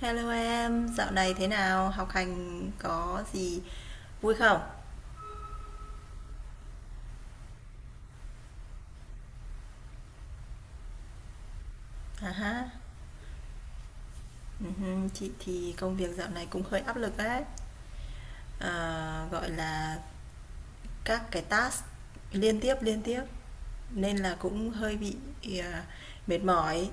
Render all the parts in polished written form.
Hello em, dạo này thế nào? Học hành có gì vui không? À ha, chị thì công việc dạo này cũng hơi áp lực đấy. Gọi là các cái task liên tiếp nên là cũng hơi bị à, mệt mỏi.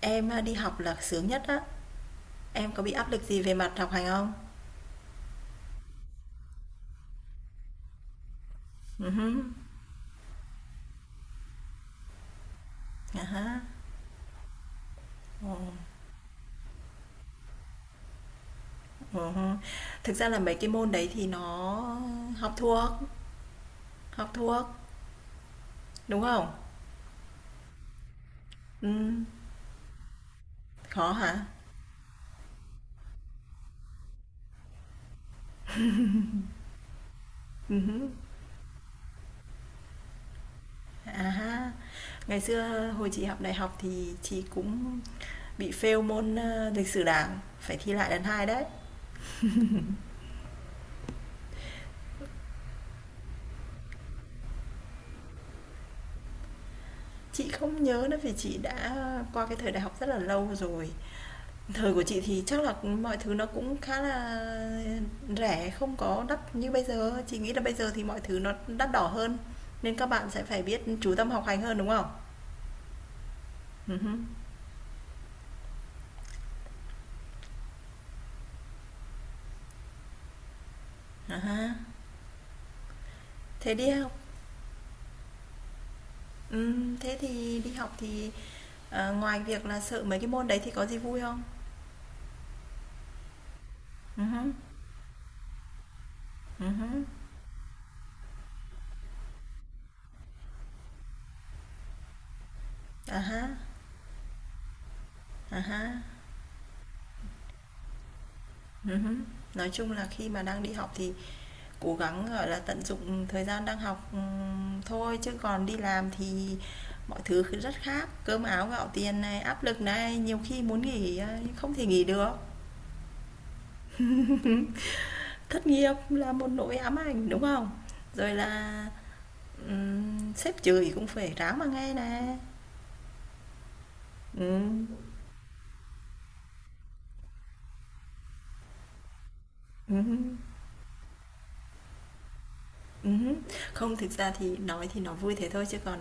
Em à, đi học là sướng nhất á. Em có bị áp lực gì về mặt học hành không? Ừ hứ, à ha. Ừ, ừ hứ. Thực ra là mấy cái môn đấy thì nó học thuộc, học thuộc, đúng không? Ừm. Khó hả? Hứm, à ha. Ngày xưa hồi chị học đại học thì chị cũng bị fail môn, lịch sử Đảng, phải thi lại lần 2 đấy. Chị không nhớ nữa vì chị đã qua cái thời đại học rất là lâu rồi. Thời của chị thì chắc là mọi thứ nó cũng khá là rẻ, không có đắt như bây giờ. Chị nghĩ là bây giờ thì mọi thứ nó đắt đỏ hơn, nên các bạn sẽ phải biết chú tâm học hành hơn, đúng không? Hứm, à ha. Thế đi học thế thì đi học thì, ngoài việc là sợ mấy cái môn đấy thì có gì vui không? Hứm, hứm, à há, à há, hứm. Nói chung là khi mà đang đi học thì cố gắng, gọi là, tận dụng thời gian đang học, thôi, chứ còn đi làm thì mọi thứ rất khác, cơm áo gạo tiền này, áp lực này, nhiều khi muốn nghỉ, nhưng không thể nghỉ được. Thất nghiệp là một nỗi ám ảnh, đúng không? Rồi là, sếp chửi cũng phải ráng mà nghe nè. Ừm, ừm, ừm. Không, thực ra thì nói thì nó vui thế thôi chứ còn,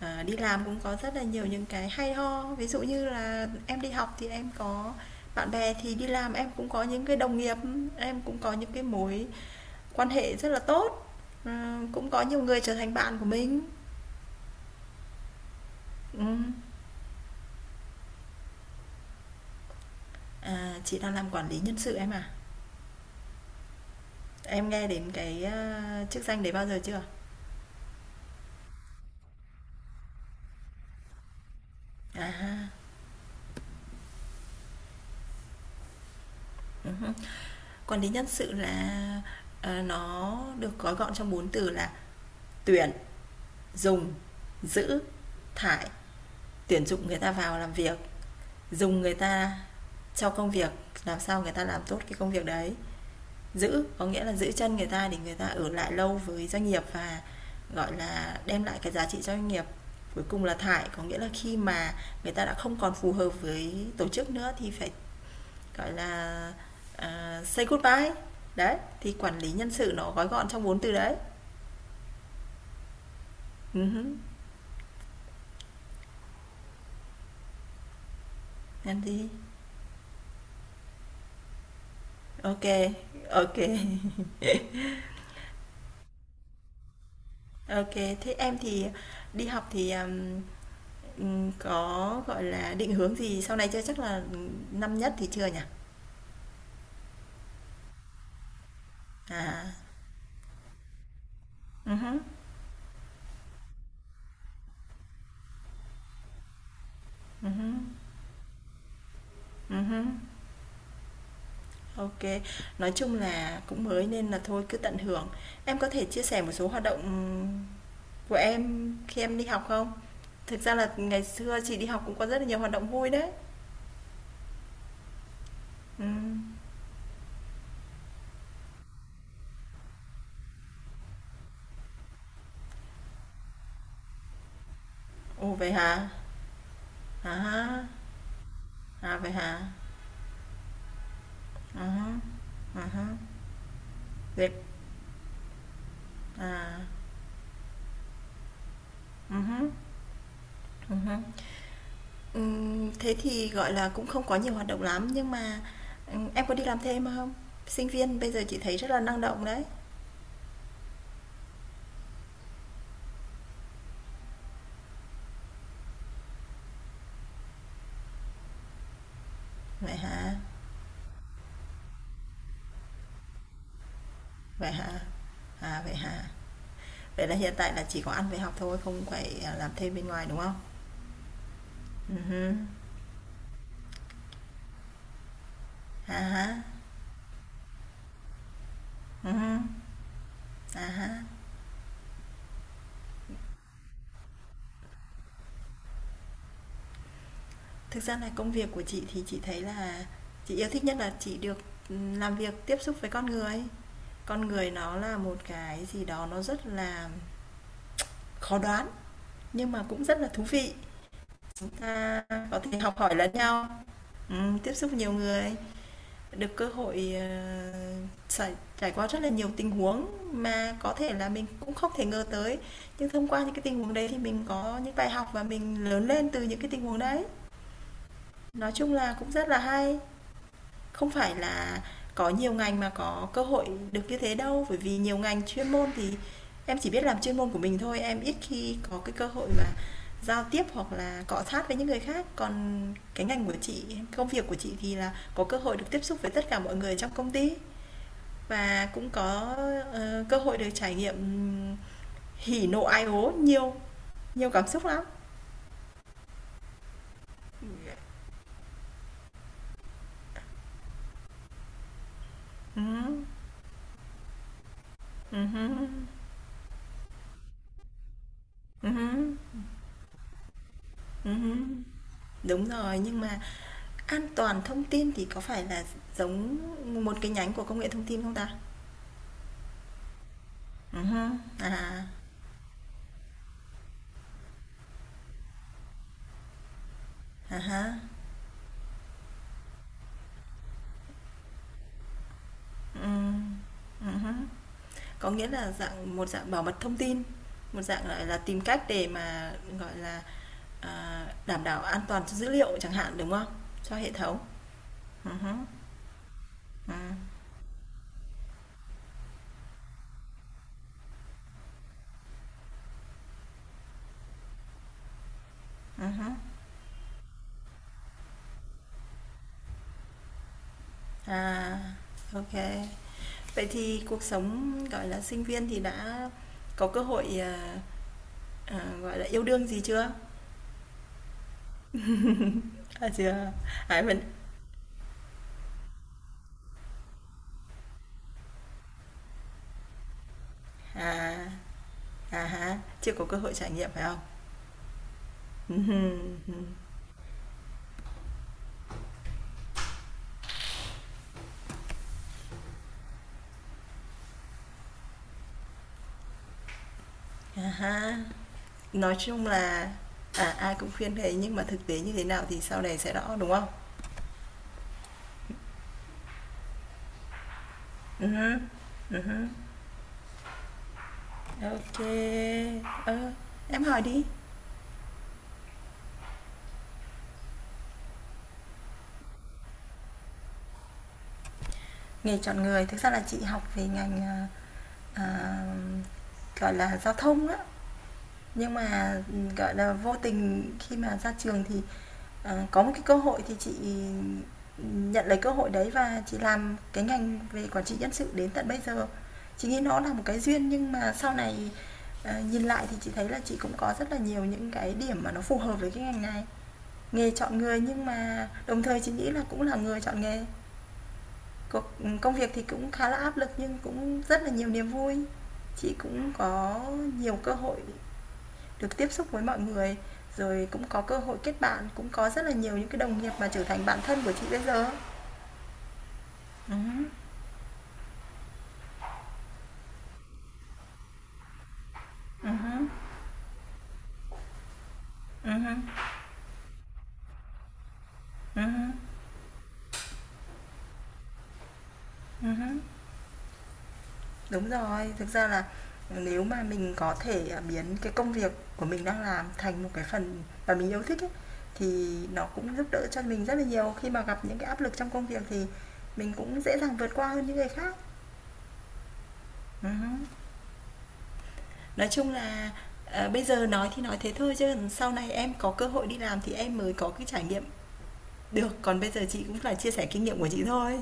đi làm cũng có rất là nhiều những cái hay ho. Ví dụ như là em đi học thì em có bạn bè, thì đi làm em cũng có những cái đồng nghiệp, em cũng có những cái mối quan hệ rất là tốt, cũng có nhiều người trở thành bạn của mình. Ừm. Chị đang làm quản lý nhân sự em à? Em nghe đến cái, chức danh đấy bao giờ chưa? À ha. Còn đến nhân sự là, nó được gói gọn trong bốn từ là tuyển, dùng, giữ, thải. Tuyển dụng người ta vào làm việc, dùng người ta cho công việc, làm sao người ta làm tốt cái công việc đấy. Giữ có nghĩa là giữ chân người ta để người ta ở lại lâu với doanh nghiệp và, gọi là, đem lại cái giá trị cho doanh nghiệp. Cuối cùng là thải có nghĩa là khi mà người ta đã không còn phù hợp với tổ chức nữa thì phải gọi là, say goodbye. Đấy, thì quản lý nhân sự nó gói gọn trong 4 từ đấy. Hứm, làm gì? OK kê, ô. Thế em thì đi học thì, có, gọi là, định hướng gì sau này chưa? Chắc là, năm nhất thì chưa nhỉ? À, hứm, hứm, hứm. Ô. Nói chung là cũng mới nên là thôi cứ tận hưởng. Em có thể chia sẻ một số hoạt động của em khi em đi học không? Thực ra là ngày xưa chị đi học cũng có rất là nhiều hoạt động vui đấy. Ừm. Ồ, vậy hả? À, à vậy hả? À há, à há. Dẹp à, hứm. ừm Thế thì, gọi là, cũng không có nhiều hoạt động lắm, nhưng mà, em có đi làm thêm không? Sinh viên bây giờ chị thấy rất là năng động đấy. Vậy hả? Vậy hả? À, vậy hả? Vậy là hiện tại là chỉ có ăn về học thôi, không phải, làm thêm bên ngoài, đúng không? Ừm, à há. Ừ. À ha. Thực ra là công việc của chị thì chị thấy là chị yêu thích nhất là chị được làm việc tiếp xúc với con người. Con người nó là một cái gì đó nó rất là khó đoán nhưng mà cũng rất là thú vị. Chúng ta có thể học hỏi lẫn nhau, tiếp xúc nhiều người, được cơ hội trải, trải qua rất là nhiều tình huống mà có thể là mình cũng không thể ngờ tới. Nhưng thông qua những cái tình huống đấy thì mình có những bài học và mình lớn lên từ những cái tình huống đấy. Nói chung là cũng rất là hay. Không phải là có nhiều ngành mà có cơ hội được như thế đâu, bởi vì nhiều ngành chuyên môn thì em chỉ biết làm chuyên môn của mình thôi, em ít khi có cái cơ hội mà giao tiếp hoặc là cọ sát với những người khác. Còn cái ngành của chị, công việc của chị thì là có cơ hội được tiếp xúc với tất cả mọi người trong công ty và cũng có cơ hội được trải nghiệm hỉ nộ ai ố nhiều, nhiều cảm xúc lắm. Ừ, ừ, ừ, ừ, ừ. Đúng rồi, nhưng mà an toàn thông tin thì có phải là giống một cái nhánh của công nghệ thông tin không ta? Hưm, à, à há, ừm, ừm. Có nghĩa là dạng một dạng bảo mật thông tin, một dạng, gọi là, tìm cách để mà, gọi là, đảm bảo an toàn cho dữ liệu chẳng hạn, đúng không? Cho hệ thống. Hứm, ừm, ừm, À, OK. Vậy thì cuộc sống, gọi là, sinh viên thì đã có cơ hội, gọi là, yêu đương gì chưa? À, chưa. À, mình à, à há, chưa có cơ hội trải nghiệm phải không? Ừm. À há. Nói chung là, ai cũng khuyên thế nhưng mà thực tế như thế nào thì sau này sẽ rõ, đúng không? Hứm, hứm. Ô. Ờ, em hỏi đi. Nghề chọn người, thực ra là chị học về ngành, à, gọi là, giao thông á. Nhưng mà, gọi là, vô tình khi mà ra trường thì, có một cái cơ hội thì chị nhận lấy cơ hội đấy và chị làm cái ngành về quản trị nhân sự đến tận bây giờ. Chị nghĩ nó là một cái duyên nhưng mà sau này, nhìn lại thì chị thấy là chị cũng có rất là nhiều những cái điểm mà nó phù hợp với cái ngành này. Nghề chọn người nhưng mà đồng thời chị nghĩ là cũng là người chọn nghề. Công việc thì cũng khá là áp lực nhưng cũng rất là nhiều niềm vui. Chị cũng có nhiều cơ hội được tiếp xúc với mọi người, rồi cũng có cơ hội kết bạn, cũng có rất là nhiều những cái đồng nghiệp mà trở thành bạn thân của chị bây giờ. Ừ, ừ, ừ, ừ, ừ. Đúng rồi, thực ra là nếu mà mình có thể biến cái công việc của mình đang làm thành một cái phần mà mình yêu thích ấy, thì nó cũng giúp đỡ cho mình rất là nhiều khi mà gặp những cái áp lực trong công việc thì mình cũng dễ dàng vượt qua hơn những người khác. Ừ. Nói chung là, bây giờ nói thì nói thế thôi chứ sau này em có cơ hội đi làm thì em mới có cái trải nghiệm được, còn bây giờ chị cũng là chia sẻ kinh nghiệm của chị thôi.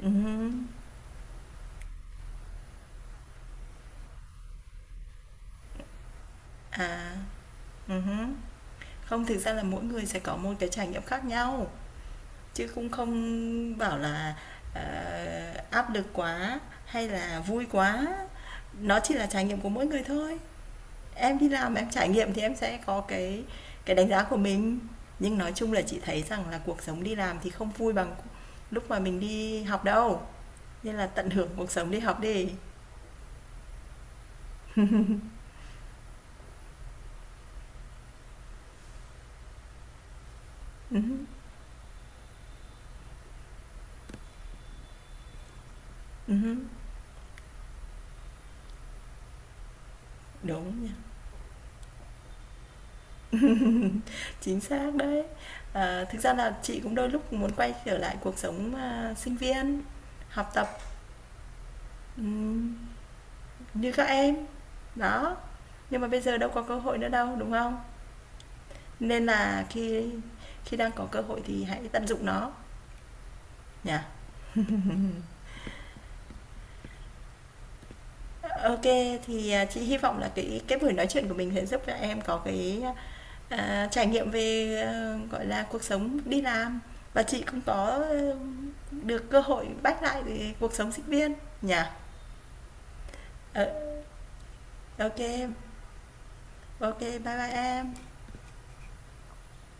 Ừm, À, ừm. Không, thực ra là mỗi người sẽ có một cái trải nghiệm khác nhau, chứ cũng không bảo là, ờ, áp lực quá hay là vui quá, nó chỉ là trải nghiệm của mỗi người thôi. Em đi làm em trải nghiệm thì em sẽ có cái đánh giá của mình, nhưng nói chung là chị thấy rằng là cuộc sống đi làm thì không vui bằng lúc mà mình đi học đâu. Nên là tận hưởng cuộc sống đi học đi. Hứm. Đúng nha. Chính xác đấy. Thực ra là chị cũng đôi lúc muốn quay trở lại cuộc sống, sinh viên, học tập, ừm, như các em. Đó, nhưng mà bây giờ đâu có cơ hội nữa đâu, đúng không? Nên là khi khi đang có cơ hội thì hãy tận dụng nó nhỉ. OK, thì, chị hy vọng là cái buổi nói chuyện của mình sẽ giúp cho em có cái, trải nghiệm về, gọi là, cuộc sống đi làm và chị cũng có, được cơ hội bắt lại cuộc sống sinh viên nhỉ. Ờ, OK, OK, bye bye em.